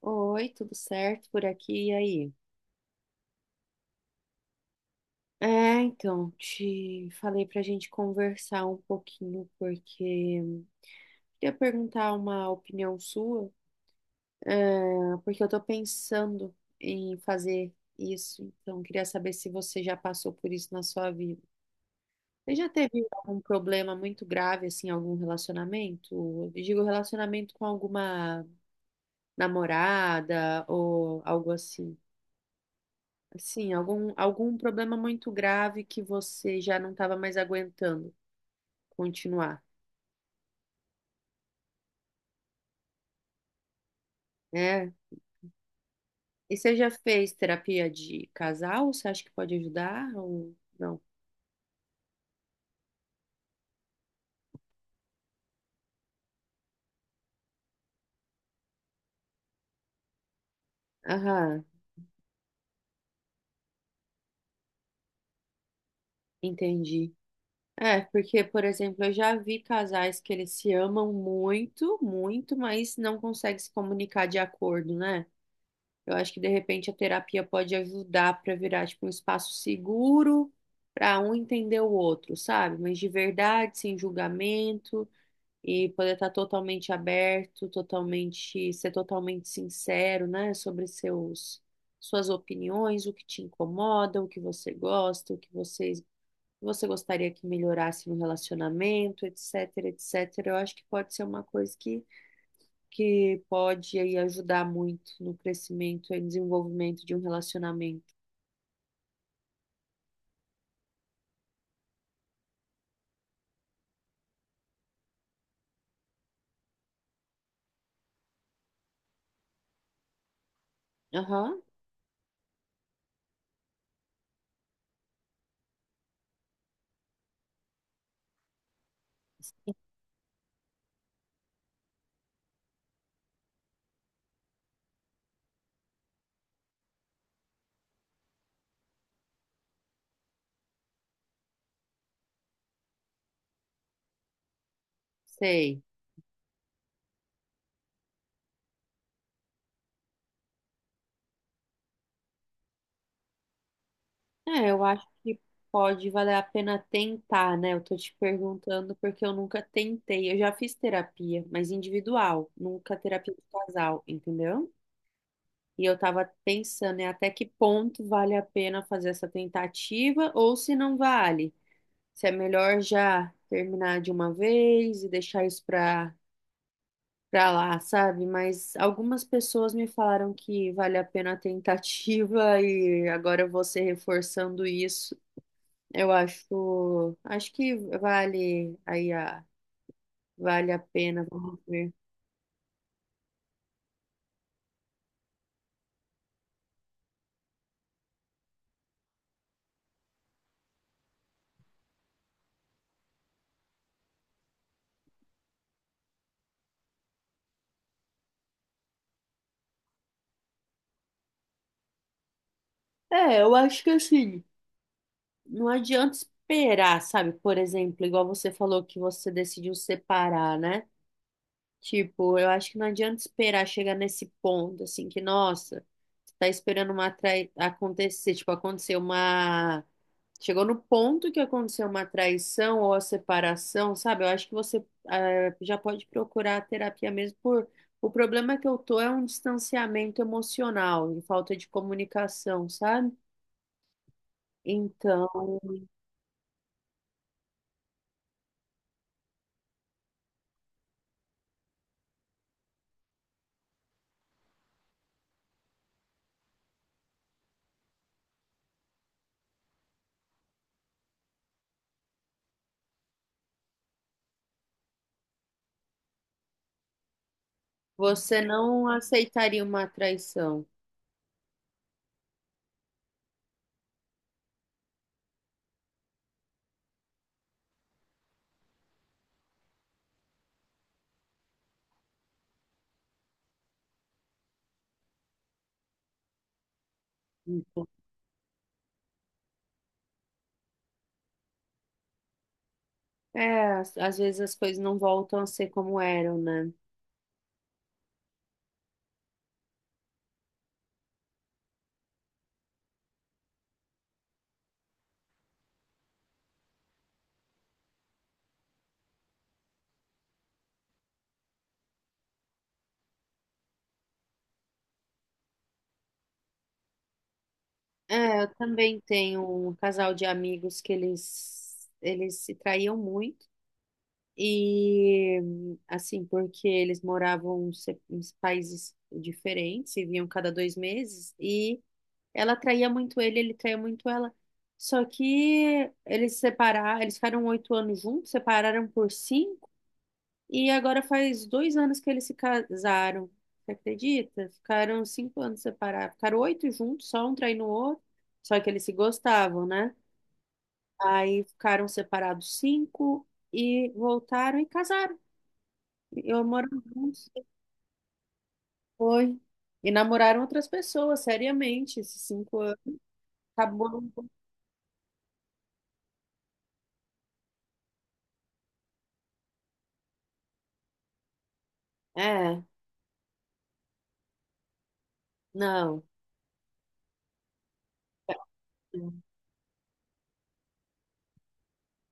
Oi, tudo certo por aqui e aí? Te falei pra gente conversar um pouquinho, porque queria perguntar uma opinião sua, porque eu tô pensando em fazer isso, então queria saber se você já passou por isso na sua vida. Você já teve algum problema muito grave, assim, em algum relacionamento? Eu digo relacionamento com alguma namorada ou algo assim. Sim, algum problema muito grave que você já não estava mais aguentando continuar, né? E você já fez terapia de casal? Você acha que pode ajudar ou não? Aham, entendi. É, porque, por exemplo, eu já vi casais que eles se amam muito, muito, mas não conseguem se comunicar de acordo, né? Eu acho que de repente a terapia pode ajudar para virar tipo um espaço seguro para um entender o outro, sabe? Mas de verdade, sem julgamento. E poder estar totalmente aberto, totalmente, ser totalmente sincero, né, sobre seus suas opiniões, o que te incomoda, o que você gosta, você gostaria que melhorasse no relacionamento, etc, etc. Eu acho que pode ser uma coisa que pode aí ajudar muito no crescimento e desenvolvimento de um relacionamento. Aham, sei. É, eu acho que pode valer a pena tentar, né? Eu tô te perguntando porque eu nunca tentei. Eu já fiz terapia, mas individual, nunca terapia de casal, entendeu? E eu tava pensando, né, até que ponto vale a pena fazer essa tentativa ou se não vale. Se é melhor já terminar de uma vez e deixar pra lá, sabe? Mas algumas pessoas me falaram que vale a pena a tentativa e agora você reforçando isso. Eu acho, que vale vale a pena, vamos ver. É, eu acho que assim, não adianta esperar, sabe? Por exemplo, igual você falou que você decidiu separar, né? Tipo, eu acho que não adianta esperar chegar nesse ponto, assim, que, nossa, você tá esperando uma acontecer, tipo, aconteceu uma. Chegou no ponto que aconteceu uma traição ou a separação, sabe? Eu acho que você já pode procurar a terapia mesmo por. O problema que eu tô é um distanciamento emocional e falta de comunicação, sabe? Então, você não aceitaria uma traição. Então, é, às vezes as coisas não voltam a ser como eram, né? É, eu também tenho um casal de amigos que eles se traíam muito. E assim, porque eles moravam em países diferentes e vinham cada dois meses, e ela traía muito ele, ele traía muito ela. Só que eles separaram, eles ficaram oito anos juntos, separaram por cinco e agora faz dois anos que eles se casaram. Você acredita? Ficaram cinco anos separados. Ficaram oito juntos, só um traindo o outro. Só que eles se gostavam, né? Aí ficaram separados cinco e voltaram e casaram. E moram juntos depois. Foi. E namoraram outras pessoas, seriamente. Esses cinco anos. Acabou. É, não.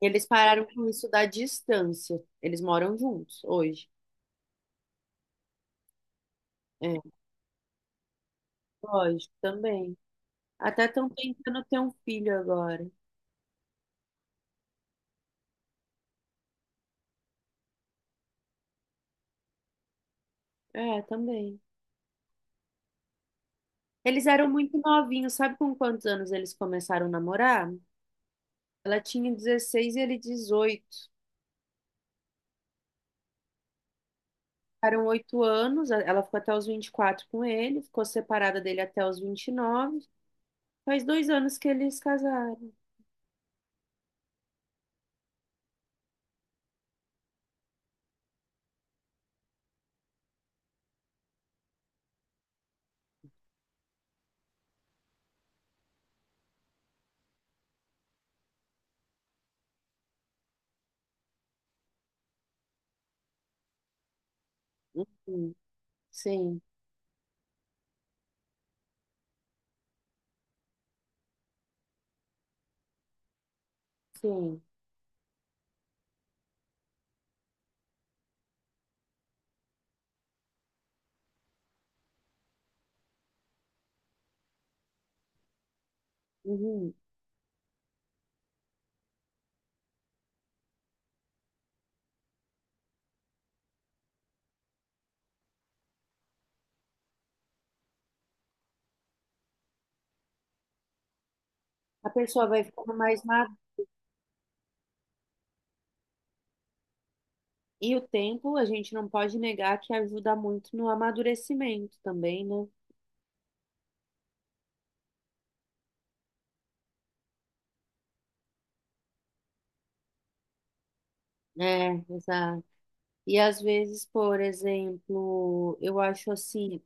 Eles pararam com isso da distância. Eles moram juntos hoje. É, lógico, também. Até estão tentando ter um filho agora. É, também. Eles eram muito novinhos, sabe com quantos anos eles começaram a namorar? Ela tinha 16 e ele 18. Ficaram oito anos, ela ficou até os 24 com ele, ficou separada dele até os 29. Faz dois anos que eles casaram. Uhum, Sim, sim. Uhum. A pessoa vai ficando mais madura. E o tempo, a gente não pode negar que ajuda muito no amadurecimento também, né? É, exato. E às vezes, por exemplo, eu acho assim,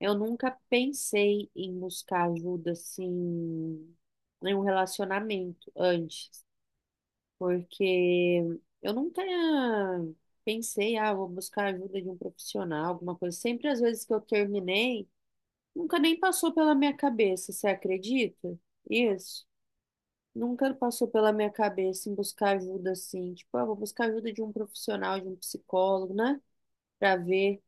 eu nunca pensei em buscar ajuda assim em um relacionamento antes, porque eu nunca pensei, ah, vou buscar ajuda de um profissional, alguma coisa. Sempre às vezes que eu terminei, nunca nem passou pela minha cabeça, você acredita? Isso. Nunca passou pela minha cabeça em buscar ajuda assim, tipo, ah, vou buscar ajuda de um profissional, de um psicólogo, né? Pra ver.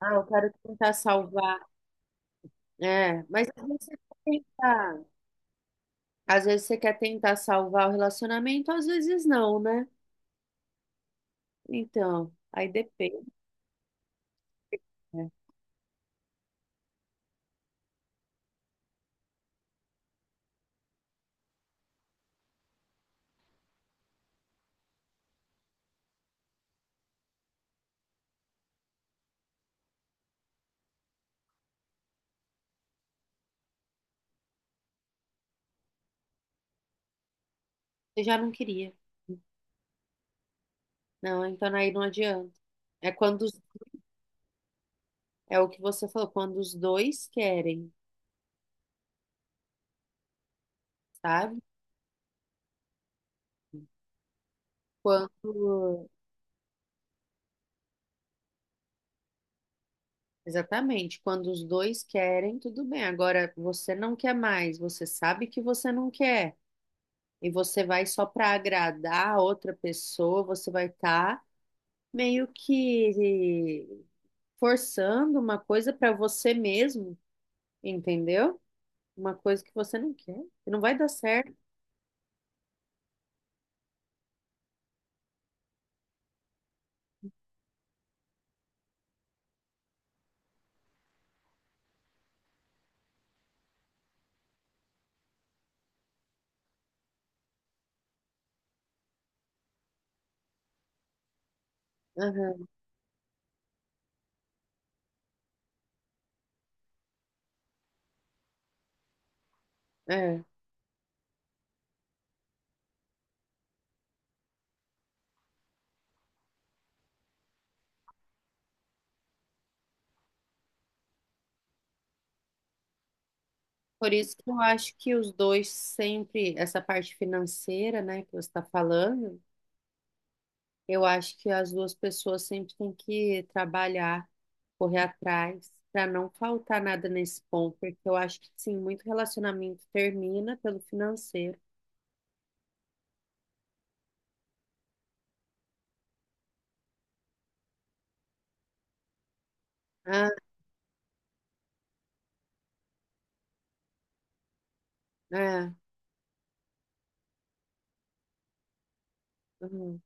Ah, eu quero tentar salvar. É, mas às vezes você quer tentar. Às vezes você quer tentar salvar o relacionamento, às vezes não, né? Então, aí depende. Né? Você já não queria. Não, então aí não adianta. É quando os- é o que você falou, quando os dois querem, sabe? Quando exatamente, quando os dois querem, tudo bem. Agora você não quer mais, você sabe que você não quer. E você vai só para agradar a outra pessoa, você vai estar meio que forçando uma coisa para você mesmo, entendeu? Uma coisa que você não quer, que não vai dar certo. Aham, é. Por isso que eu acho que os dois sempre, essa parte financeira, né, que você está falando, eu acho que as duas pessoas sempre têm que trabalhar, correr atrás, para não faltar nada nesse ponto, porque eu acho que sim, muito relacionamento termina pelo financeiro. Ah, é, uhum,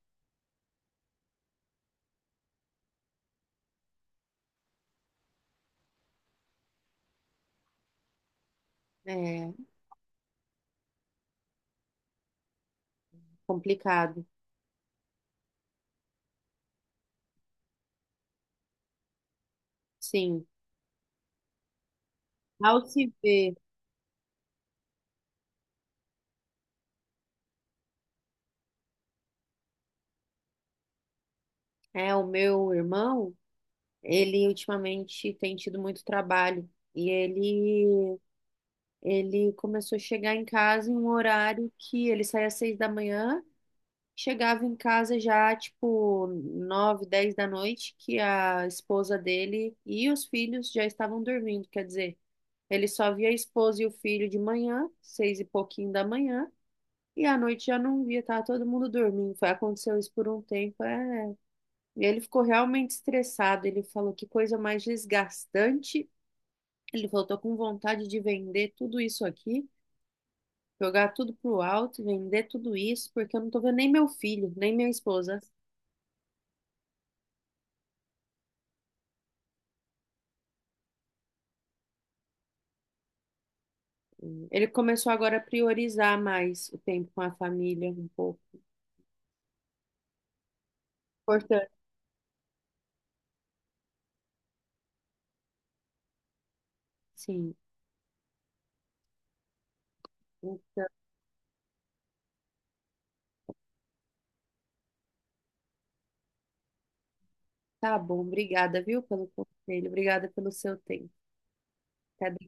é complicado. Sim. Ao se ver, é, o meu irmão, ele ultimamente tem tido muito trabalho. Ele começou a chegar em casa em um horário que ele saía às 6 da manhã, chegava em casa já, tipo, nove, dez da noite, que a esposa dele e os filhos já estavam dormindo. Quer dizer, ele só via a esposa e o filho de manhã, 6 e pouquinho da manhã, e à noite já não via, tava todo mundo dormindo. Foi, aconteceu isso por um tempo, é. E ele ficou realmente estressado. Ele falou que coisa mais desgastante. Ele falou: tô com vontade de vender tudo isso aqui, jogar tudo pro alto, vender tudo isso, porque eu não tô vendo nem meu filho, nem minha esposa. Ele começou agora a priorizar mais o tempo com a família, um pouco. Importante. Sim. Então, tá bom. Obrigada, viu, pelo conselho. Obrigada pelo seu tempo. Até